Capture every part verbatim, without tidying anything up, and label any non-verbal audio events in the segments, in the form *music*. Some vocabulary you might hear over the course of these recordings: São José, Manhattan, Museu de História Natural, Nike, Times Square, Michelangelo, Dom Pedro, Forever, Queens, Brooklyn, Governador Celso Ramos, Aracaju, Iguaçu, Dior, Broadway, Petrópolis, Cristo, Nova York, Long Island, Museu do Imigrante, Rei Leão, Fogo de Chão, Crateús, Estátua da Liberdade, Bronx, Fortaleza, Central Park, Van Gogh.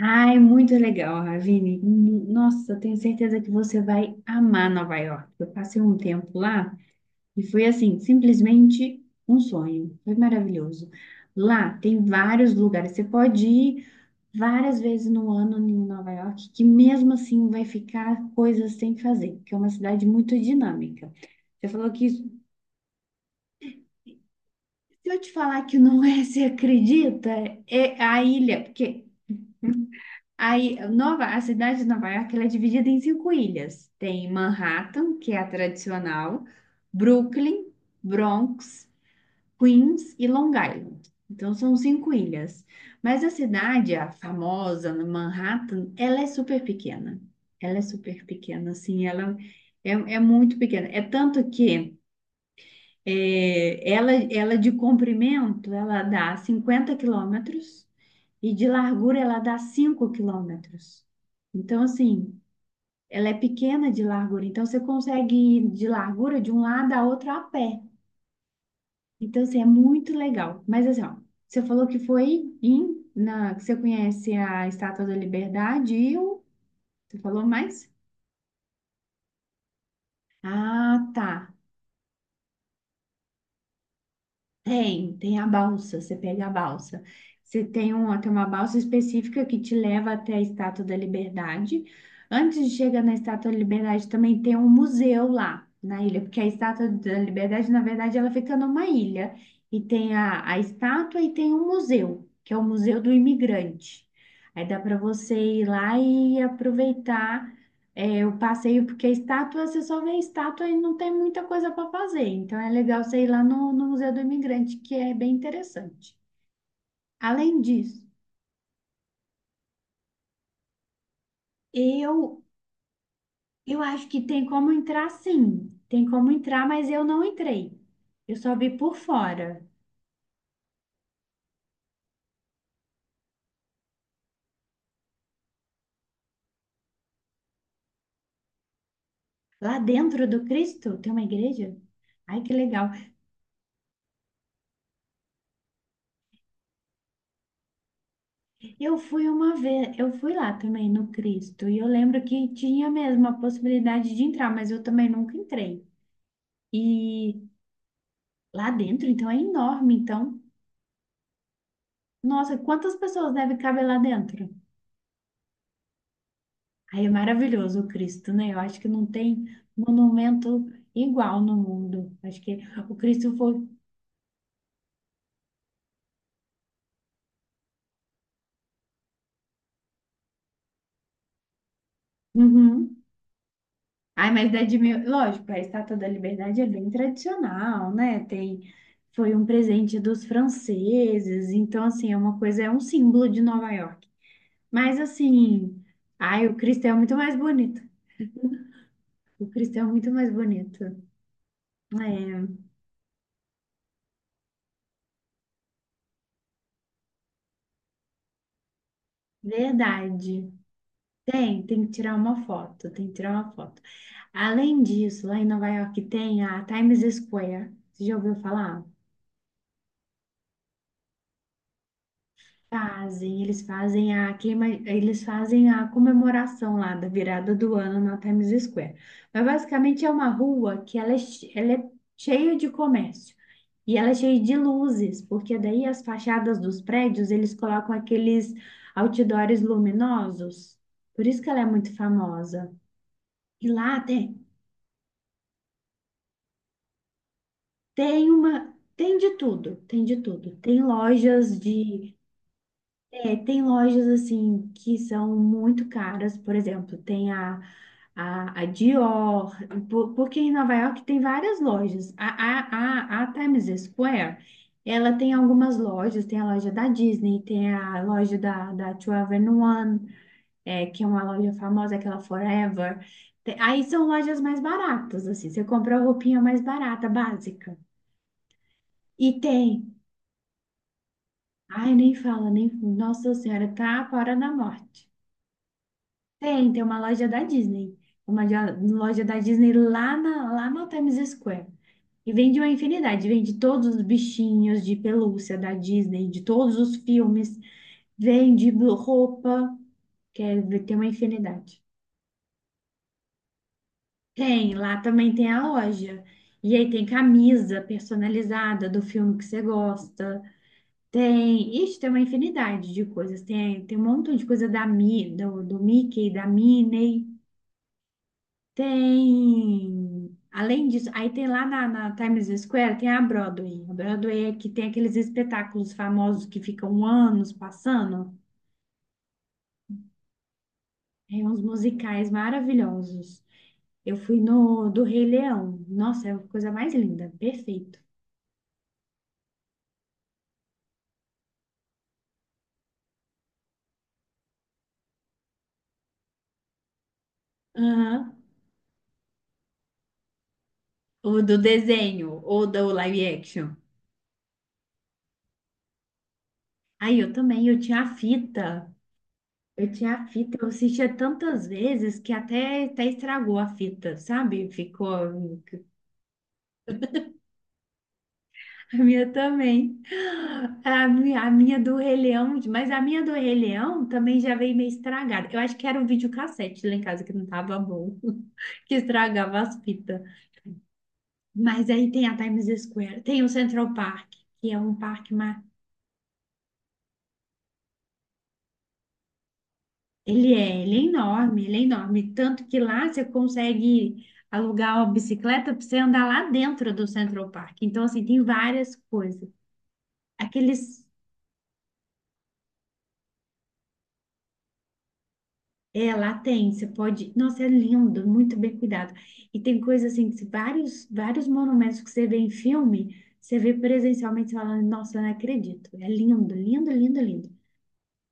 Ai, muito legal, Ravine. Hum, Nossa, eu tenho certeza que você vai amar Nova York. Eu passei um tempo lá e foi assim, simplesmente um sonho. Foi maravilhoso. Lá tem vários lugares. Você pode ir várias vezes no ano em Nova York, que mesmo assim vai ficar coisas sem fazer, porque é uma cidade muito dinâmica. Você falou que isso- Se eu te falar que não é, *laughs* você acredita? É a ilha, porque Aí, Nova, a cidade de Nova York, ela é dividida em cinco ilhas. Tem Manhattan, que é a tradicional, Brooklyn, Bronx, Queens e Long Island. Então, são cinco ilhas. Mas a cidade, a famosa no Manhattan, ela é super pequena. Ela é super pequena, assim, ela é, é muito pequena. É tanto que é, ela, ela de comprimento, ela dá cinquenta quilômetros e de largura ela dá cinco quilômetros. Então, assim, ela é pequena de largura. Então, você consegue ir de largura de um lado a outro a pé. Então, assim, é muito legal. Mas, assim, ó, você falou que foi em... Na, que você conhece a Estátua da Liberdade e o... você falou mais? Ah, tá. Tem, tem a balsa, você pega a balsa. Você tem uma, tem uma balsa específica que te leva até a Estátua da Liberdade. Antes de chegar na Estátua da Liberdade, também tem um museu lá na ilha, porque a Estátua da Liberdade, na verdade, ela fica numa ilha. E tem a, a estátua e tem um museu, que é o Museu do Imigrante. Aí dá para você ir lá e aproveitar é, o passeio, porque estátua, você só vê estátua e não tem muita coisa para fazer. Então é legal você ir lá no, no Museu do Imigrante, que é bem interessante. Além disso, eu, eu acho que tem como entrar sim. Tem como entrar, mas eu não entrei. Eu só vi por fora. Lá dentro do Cristo tem uma igreja? Ai, que legal. Eu fui uma vez, eu fui lá também no Cristo, e eu lembro que tinha mesmo a possibilidade de entrar, mas eu também nunca entrei. E lá dentro, então, é enorme. Então, nossa, quantas pessoas deve caber lá dentro? Aí é maravilhoso o Cristo, né? Eu acho que não tem monumento igual no mundo. Acho que o Cristo foi. Uhum. Ai, mas é de mil... Lógico, a Estátua da Liberdade é bem tradicional, né? Tem. Foi um presente dos franceses. Então, assim, é uma coisa, é um símbolo de Nova York. Mas, assim, ai, o Cristo é muito mais bonito. O Cristo é muito mais bonito. É, verdade. Tem, tem que tirar uma foto, tem que tirar uma foto. Além disso, lá em Nova York tem a Times Square. Você já ouviu falar? Fazem, eles fazem a queima, eles fazem a comemoração lá da virada do ano na Times Square. Mas basicamente é uma rua que ela é, che- ela é cheia de comércio e ela é cheia de luzes, porque daí as fachadas dos prédios eles colocam aqueles outdoors luminosos. Por isso que ela é muito famosa. E lá tem. Tem uma, tem de tudo, tem de tudo. Tem lojas de, é, tem lojas assim que são muito caras, por exemplo, tem a, a, a Dior, po- porque em Nova York tem várias lojas. A, a, a, a Times Square, ela tem algumas lojas, tem a loja da Disney, tem a loja da, da dois one é, que é uma loja famosa, aquela Forever. Tem- Aí são lojas mais baratas, assim, você compra a roupinha mais barata, básica. E tem. Ai, nem fala, nem. Nossa Senhora, tá para na morte. Tem, tem uma loja da Disney. Uma de- loja da Disney lá, na, lá no Times Square. E vende uma infinidade. Vende todos os bichinhos de pelúcia da Disney, de todos os filmes. Vende blu- roupa. Quer ver, tem uma infinidade. Tem, lá também tem a loja. E aí tem camisa personalizada do filme que você gosta. Tem, ixi, tem uma infinidade de coisas. Tem, tem um montão de coisa da Mi, do, do Mickey, da Minnie. Tem, além disso, aí tem lá na, na Times Square, tem a Broadway. A Broadway é que tem aqueles espetáculos famosos que ficam anos passando. Tem uns musicais maravilhosos. Eu fui no do Rei Leão. Nossa, é a coisa mais linda. Perfeito. Aham. O do desenho, ou do live action? Aí eu também, eu tinha a fita. Eu tinha a fita, eu assistia tantas vezes que até, até estragou a fita, sabe? Ficou a minha também. A minha, a minha do Rei Leão, mas a minha do Rei Leão também já veio meio estragada. Eu acho que era um videocassete lá em casa que não tava bom, *laughs* que estragava as fitas. Mas aí tem a Times Square, tem o Central Park, que é um parque. Ele é, ele é enorme, ele é enorme. Tanto que lá você consegue alugar uma bicicleta para você andar lá dentro do Central Park. Então, assim, tem várias coisas. Aqueles. É, lá tem, você pode. Nossa, é lindo, muito bem cuidado. E tem coisas assim, que vários, vários monumentos que você vê em filme, você vê presencialmente, você fala, nossa, eu não acredito. É lindo, lindo, lindo, lindo.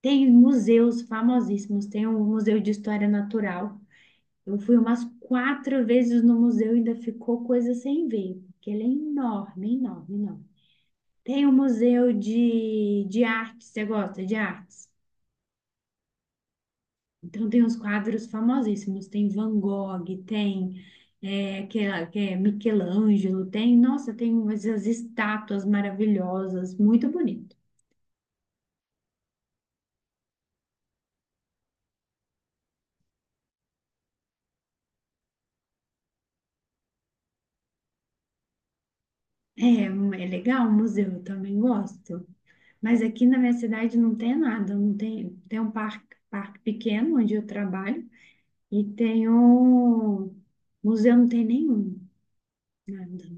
Tem museus famosíssimos, tem o Museu de História Natural. Eu fui umas quatro vezes no museu e ainda ficou coisa sem ver, porque ele é enorme, enorme, enorme. Tem o museu de, de arte, você gosta de artes? Então tem uns quadros famosíssimos, tem Van Gogh, tem é, aquela, que é Michelangelo, tem, nossa, tem umas- essas estátuas maravilhosas, muito bonito. É, um- é legal o museu, eu também gosto. Mas aqui na minha cidade não tem nada, não tem, tem um parque, parque pequeno onde eu trabalho, e tem um museu, não tem nenhum, nada.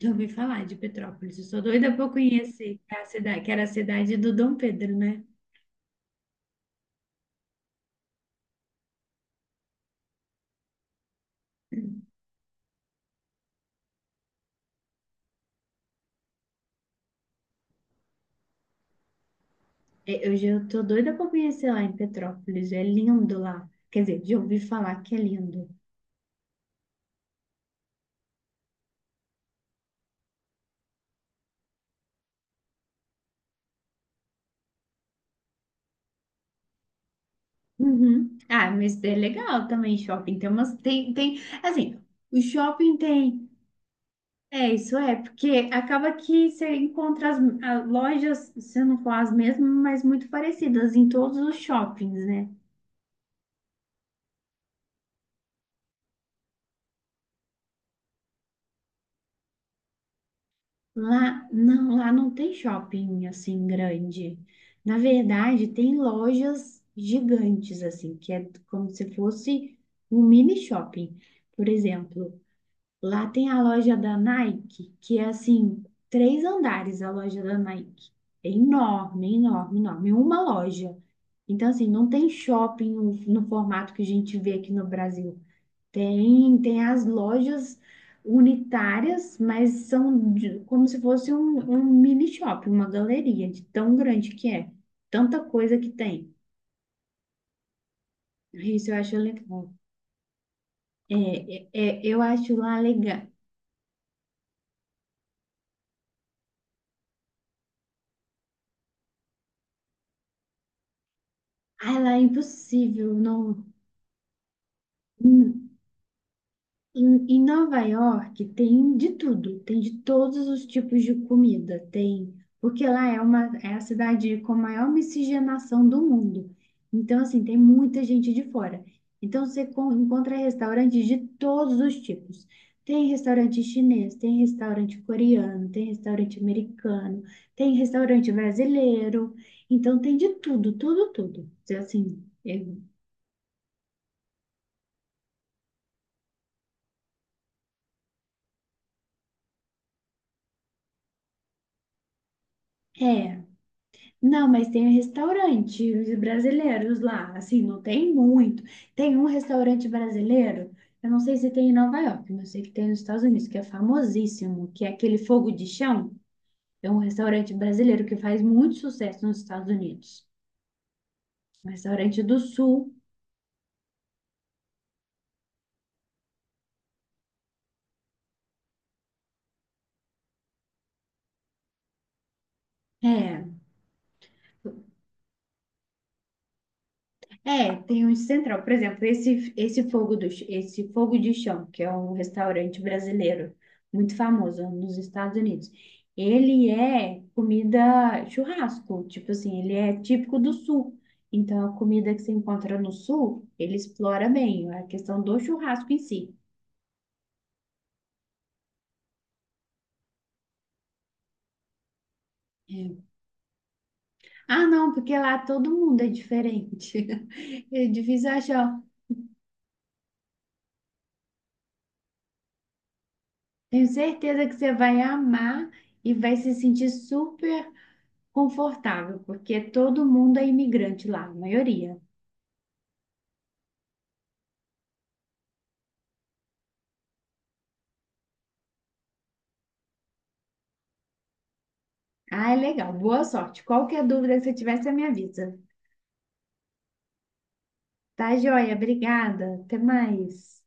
Já ouvi falar de Petrópolis. Eu sou doida para conhecer que é a cidade, que era a cidade do Dom Pedro, né? É, hoje eu tô doida para conhecer lá em Petrópolis. É lindo lá. Quer dizer, já ouvi falar que é lindo. Uhum. Ah, mas é legal também shopping. Tem umas, tem, tem, assim, o shopping tem. É, isso é, porque acaba que você encontra as a- lojas, se não for as mesmas, mas muito parecidas em todos os shoppings, né? Lá não, lá não tem shopping assim grande. Na verdade, tem lojas gigantes assim, que é como se fosse um mini shopping. Por exemplo, lá tem a loja da Nike, que é assim, três andares a loja da Nike. É enorme, enorme, enorme. Uma loja. Então, assim, não tem shopping no, no formato que a gente vê aqui no Brasil. Tem, tem as lojas unitárias, mas são de- como se fosse um, um mini shopping, uma galeria de tão grande que é. Tanta coisa que tem. Isso eu acho legal. É, é, é, eu acho lá legal. Ah, lá é impossível, não. Em, em Nova York tem de tudo, tem de todos os tipos de comida, tem, porque lá é uma é a cidade com a maior miscigenação do mundo. Então, assim, tem muita gente de fora. Então, você con- encontra restaurantes de todos os tipos. Tem restaurante chinês, tem restaurante coreano, tem restaurante americano, tem restaurante brasileiro. Então, tem de tudo, tudo, tudo. Então, assim, é, é. Não, mas tem restaurantes brasileiros lá, assim, não tem muito. Tem um restaurante brasileiro, eu não sei se tem em Nova York, mas eu sei que tem nos Estados Unidos, que é famosíssimo, que é aquele Fogo de Chão. É um restaurante brasileiro que faz muito sucesso nos Estados Unidos. Um restaurante do Sul, é. É, tem um central. Por exemplo, esse, esse fogo do, Ch- esse fogo de chão, que é um restaurante brasileiro muito famoso nos Estados Unidos. Ele é comida churrasco, tipo assim, ele é típico do sul. Então, a comida que se encontra no sul, ele explora bem a questão do churrasco em si. É. Ah, não, porque lá todo mundo é diferente. *laughs* É difícil achar. Tenho certeza que você vai amar e vai se sentir super confortável, porque todo mundo é imigrante lá, a maioria. Ah, é legal. Boa sorte. Qualquer dúvida que você tiver, você me avisa. Tá, joia? Obrigada. Até mais.